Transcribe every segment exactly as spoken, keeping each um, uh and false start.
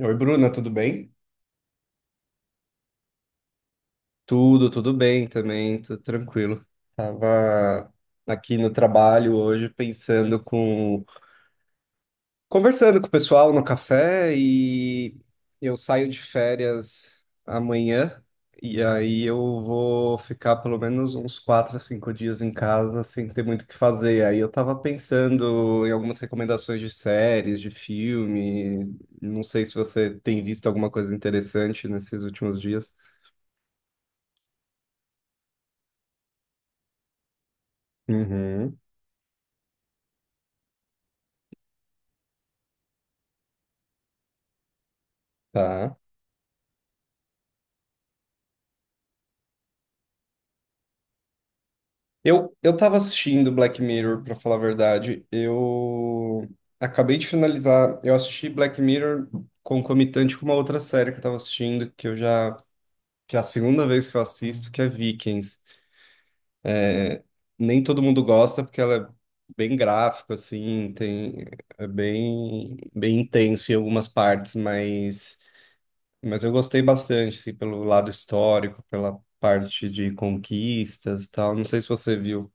Oi, Bruna, tudo bem? Tudo, tudo bem também, tudo tranquilo. Tava aqui no trabalho hoje pensando com, conversando com o pessoal no café e eu saio de férias amanhã e aí eu vou ficar pelo menos uns quatro a cinco dias em casa sem ter muito o que fazer. Aí eu tava pensando em algumas recomendações de séries, de filme. Não sei se você tem visto alguma coisa interessante nesses últimos dias. Uhum. Tá. Eu, eu tava assistindo Black Mirror, pra falar a verdade. Eu acabei de finalizar. Eu assisti Black Mirror concomitante com uma outra série que eu tava assistindo, que eu já, que é a segunda vez que eu assisto, que é Vikings. Nem todo mundo gosta, porque ela é bem gráfica, assim, tem, é bem, bem intenso em algumas partes, mas, mas eu gostei bastante, assim, pelo lado histórico, pela parte de conquistas e tal. Não sei se você viu.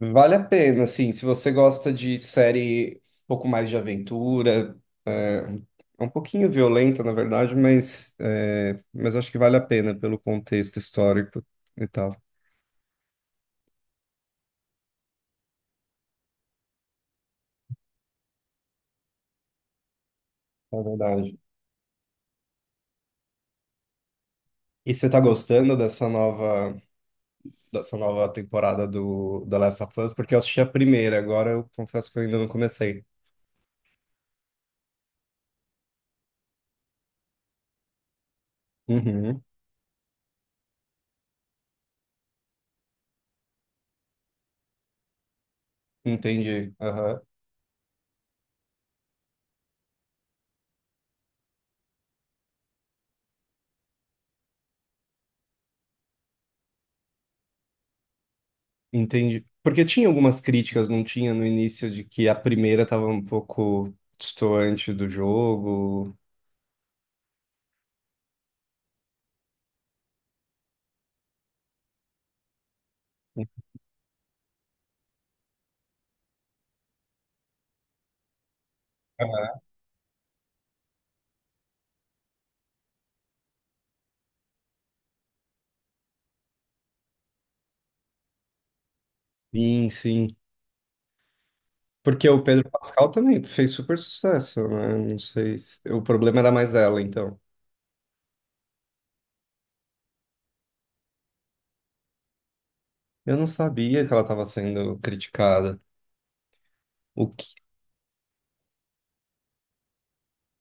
Vale a pena, assim, se você gosta de série um pouco mais de aventura, é, é um pouquinho violenta, na verdade, mas, é, mas acho que vale a pena pelo contexto histórico e tal. É verdade. E você tá gostando dessa nova, dessa nova temporada do The Last of Us? Porque eu assisti a primeira, agora eu confesso que eu ainda não comecei. Uhum, entendi. Entendi. Porque tinha algumas críticas, não tinha no início, de que a primeira estava um pouco distoante do jogo. Sim, sim. Porque o Pedro Pascal também fez super sucesso, né? Não sei se... O problema era mais ela, então. Eu não sabia que ela estava sendo criticada. O que...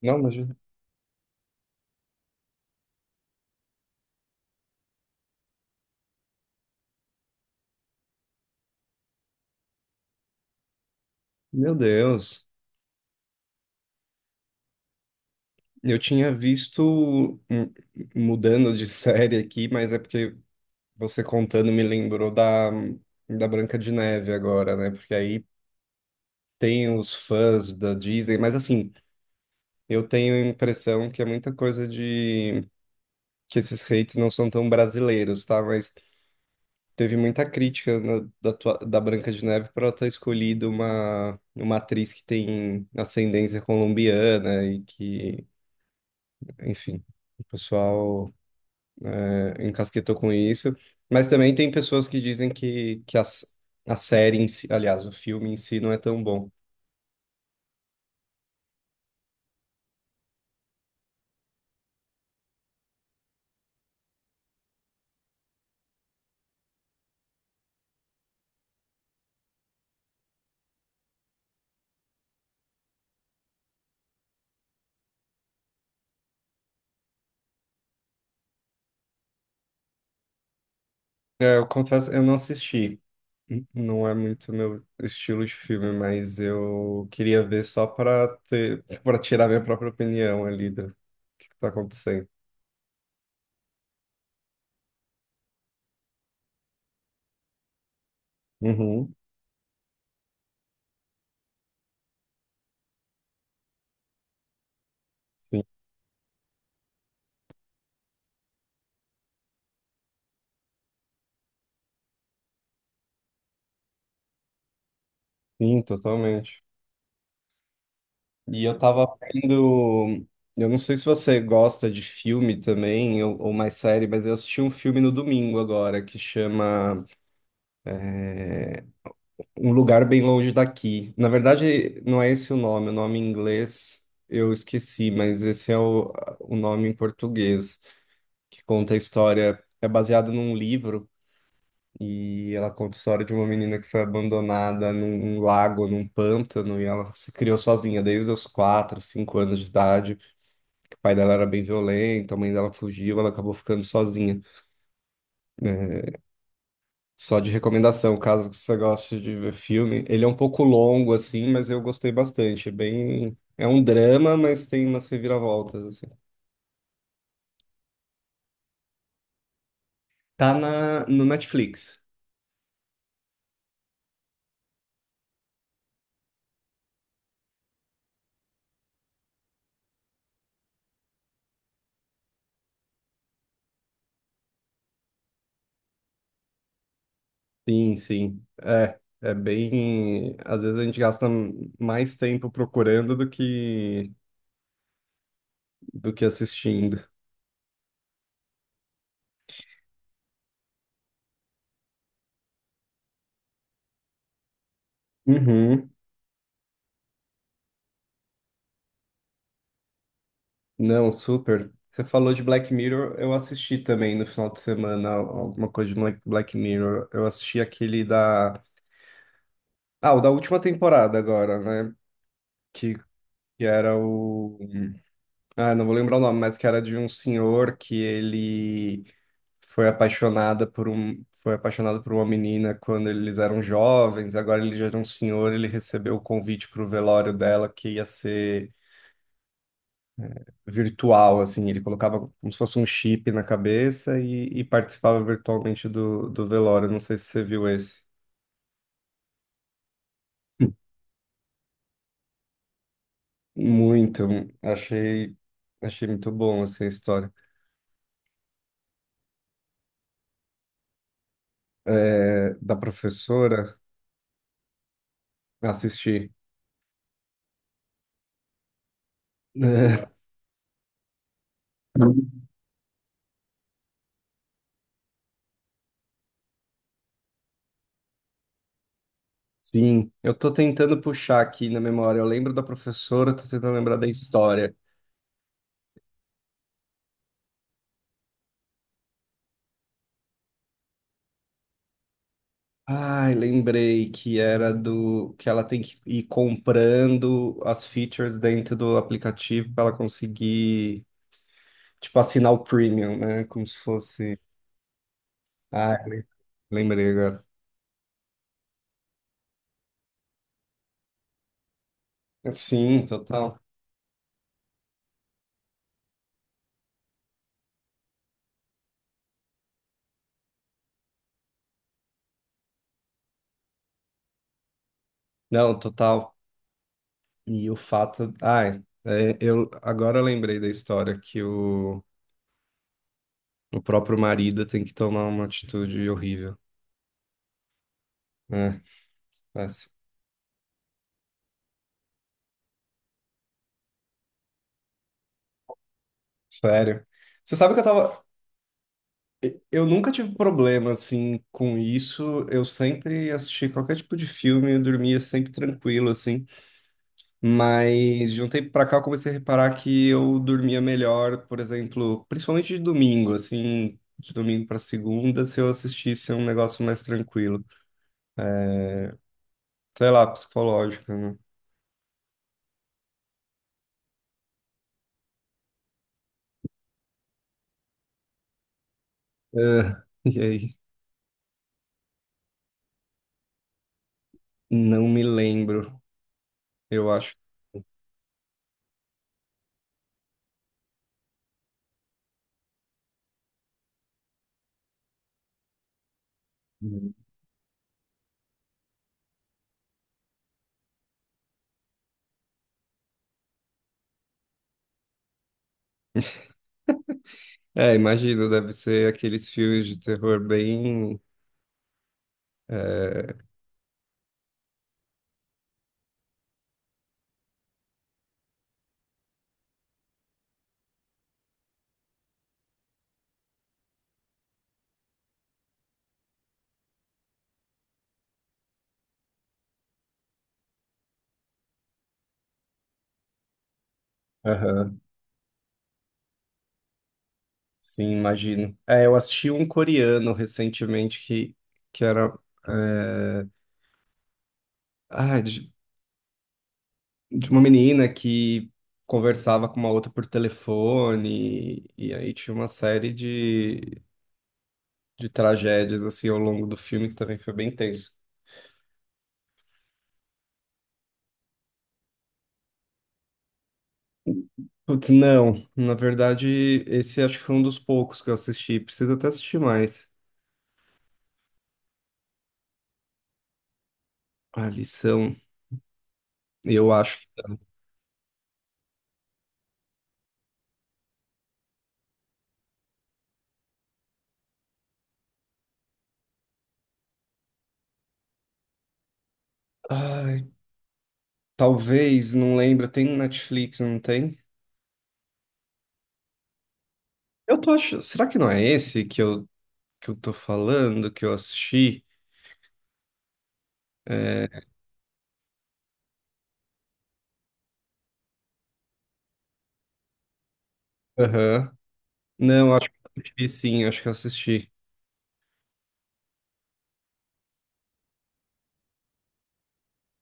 Não, mas... Meu Deus. Eu tinha visto... hum, Mudando de série aqui, mas é porque você contando me lembrou da... da Branca de Neve agora, né? Porque aí tem os fãs da Disney, mas assim, eu tenho a impressão que é muita coisa de que esses hates não são tão brasileiros, tá? Mas teve muita crítica na- da, tua- da Branca de Neve por ela ter escolhido uma, uma atriz que tem ascendência colombiana e que, enfim, o pessoal é, encasquetou com isso. Mas também tem pessoas que dizem que, que as- a série em si, aliás, o filme em si não é tão bom. É, eu confesso, eu não assisti. Não é muito meu estilo de filme, mas eu queria ver só para ter, para tirar minha própria opinião ali do que que tá acontecendo. Uhum, sim, sim, totalmente. E eu tava vendo, eu não sei se você gosta de filme também ou, ou mais série, mas eu assisti um filme no domingo agora que chama Um lugar bem longe daqui. Na verdade, não é esse o nome, o nome em inglês eu esqueci, mas esse é o, o nome em português, que conta a história, é baseado num livro, e ela conta a história de uma menina que foi abandonada num lago, num pântano, e ela se criou sozinha desde os quatro, cinco anos de idade. O pai dela era bem violento, a mãe dela fugiu, ela acabou ficando sozinha, né? Só de recomendação, caso você goste de ver filme. Ele é um pouco longo, assim, mas eu gostei bastante. É bem... É um drama, mas tem umas reviravoltas, assim. Tá na... no Netflix. Sim, sim. É, é bem... Às vezes a gente gasta mais tempo procurando do que, do que assistindo. Uhum. Não, super. Você falou de Black Mirror, eu assisti também no final de semana alguma coisa de Black Black Mirror. Eu assisti aquele da... Ah, o da última temporada agora, né? que, que era o. Ah, não vou lembrar o nome, mas que era de um senhor que ele foi apaixonada por um. Foi apaixonado por uma menina quando eles eram jovens, agora ele já era um senhor, ele recebeu o convite para o velório dela que ia ser virtual, assim, ele colocava como se fosse um chip na cabeça e, e participava virtualmente do, do velório. Não sei se você viu esse. Muito, achei, achei muito bom, assim, a história. É, da professora. Assisti. É, Sim, eu tô tentando puxar aqui na memória. Eu lembro da professora, tô tentando lembrar da história. Ai, lembrei que era do que ela tem que ir comprando as features dentro do aplicativo para ela conseguir, tipo, assinar o premium, né? Como se fosse. Ai, lem- lembrei agora. Sim, total. Não, total. E o fato. Ai, é, eu agora eu lembrei da história que o O próprio marido tem que tomar uma atitude horrível. É, mas, sério. Você sabe que eu tava. Eu nunca tive problema, assim, com isso. Eu sempre assisti qualquer tipo de filme, eu dormia sempre tranquilo, assim. Mas de um tempo pra cá eu comecei a reparar que eu dormia melhor, por exemplo, principalmente de domingo, assim, de domingo pra segunda, se eu assistisse um negócio mais tranquilo. Sei lá, psicológico, né? É, e aí? Não me lembro, eu acho. É, imagino, deve ser aqueles filmes de terror bem. Aham, sim, imagino. É, eu assisti um coreano recentemente que, que era é, ah, de, de uma menina que conversava com uma outra por telefone, e, aí tinha uma série de, de tragédias assim ao longo do filme que também foi bem tenso. Putz, não, na verdade, esse acho que foi um dos poucos que eu assisti. Preciso até assistir mais. A lição, eu acho. Ai, talvez, não lembro, tem no Netflix, não tem? Eu tô achando. Será que não é esse que eu, que eu tô falando, que eu assisti? É, aham. Não, acho que eu assisti sim, acho que eu assisti.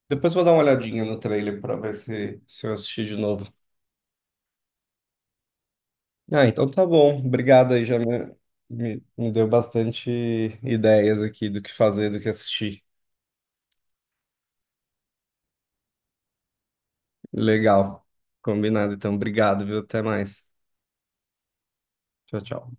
Depois vou dar uma olhadinha no trailer pra ver se, se eu assisti de novo. Ah, então tá bom. Obrigado aí, já me, me, me deu bastante ideias aqui do que fazer, do que assistir. Legal. Combinado, então. Obrigado, viu? Até mais. Tchau, tchau.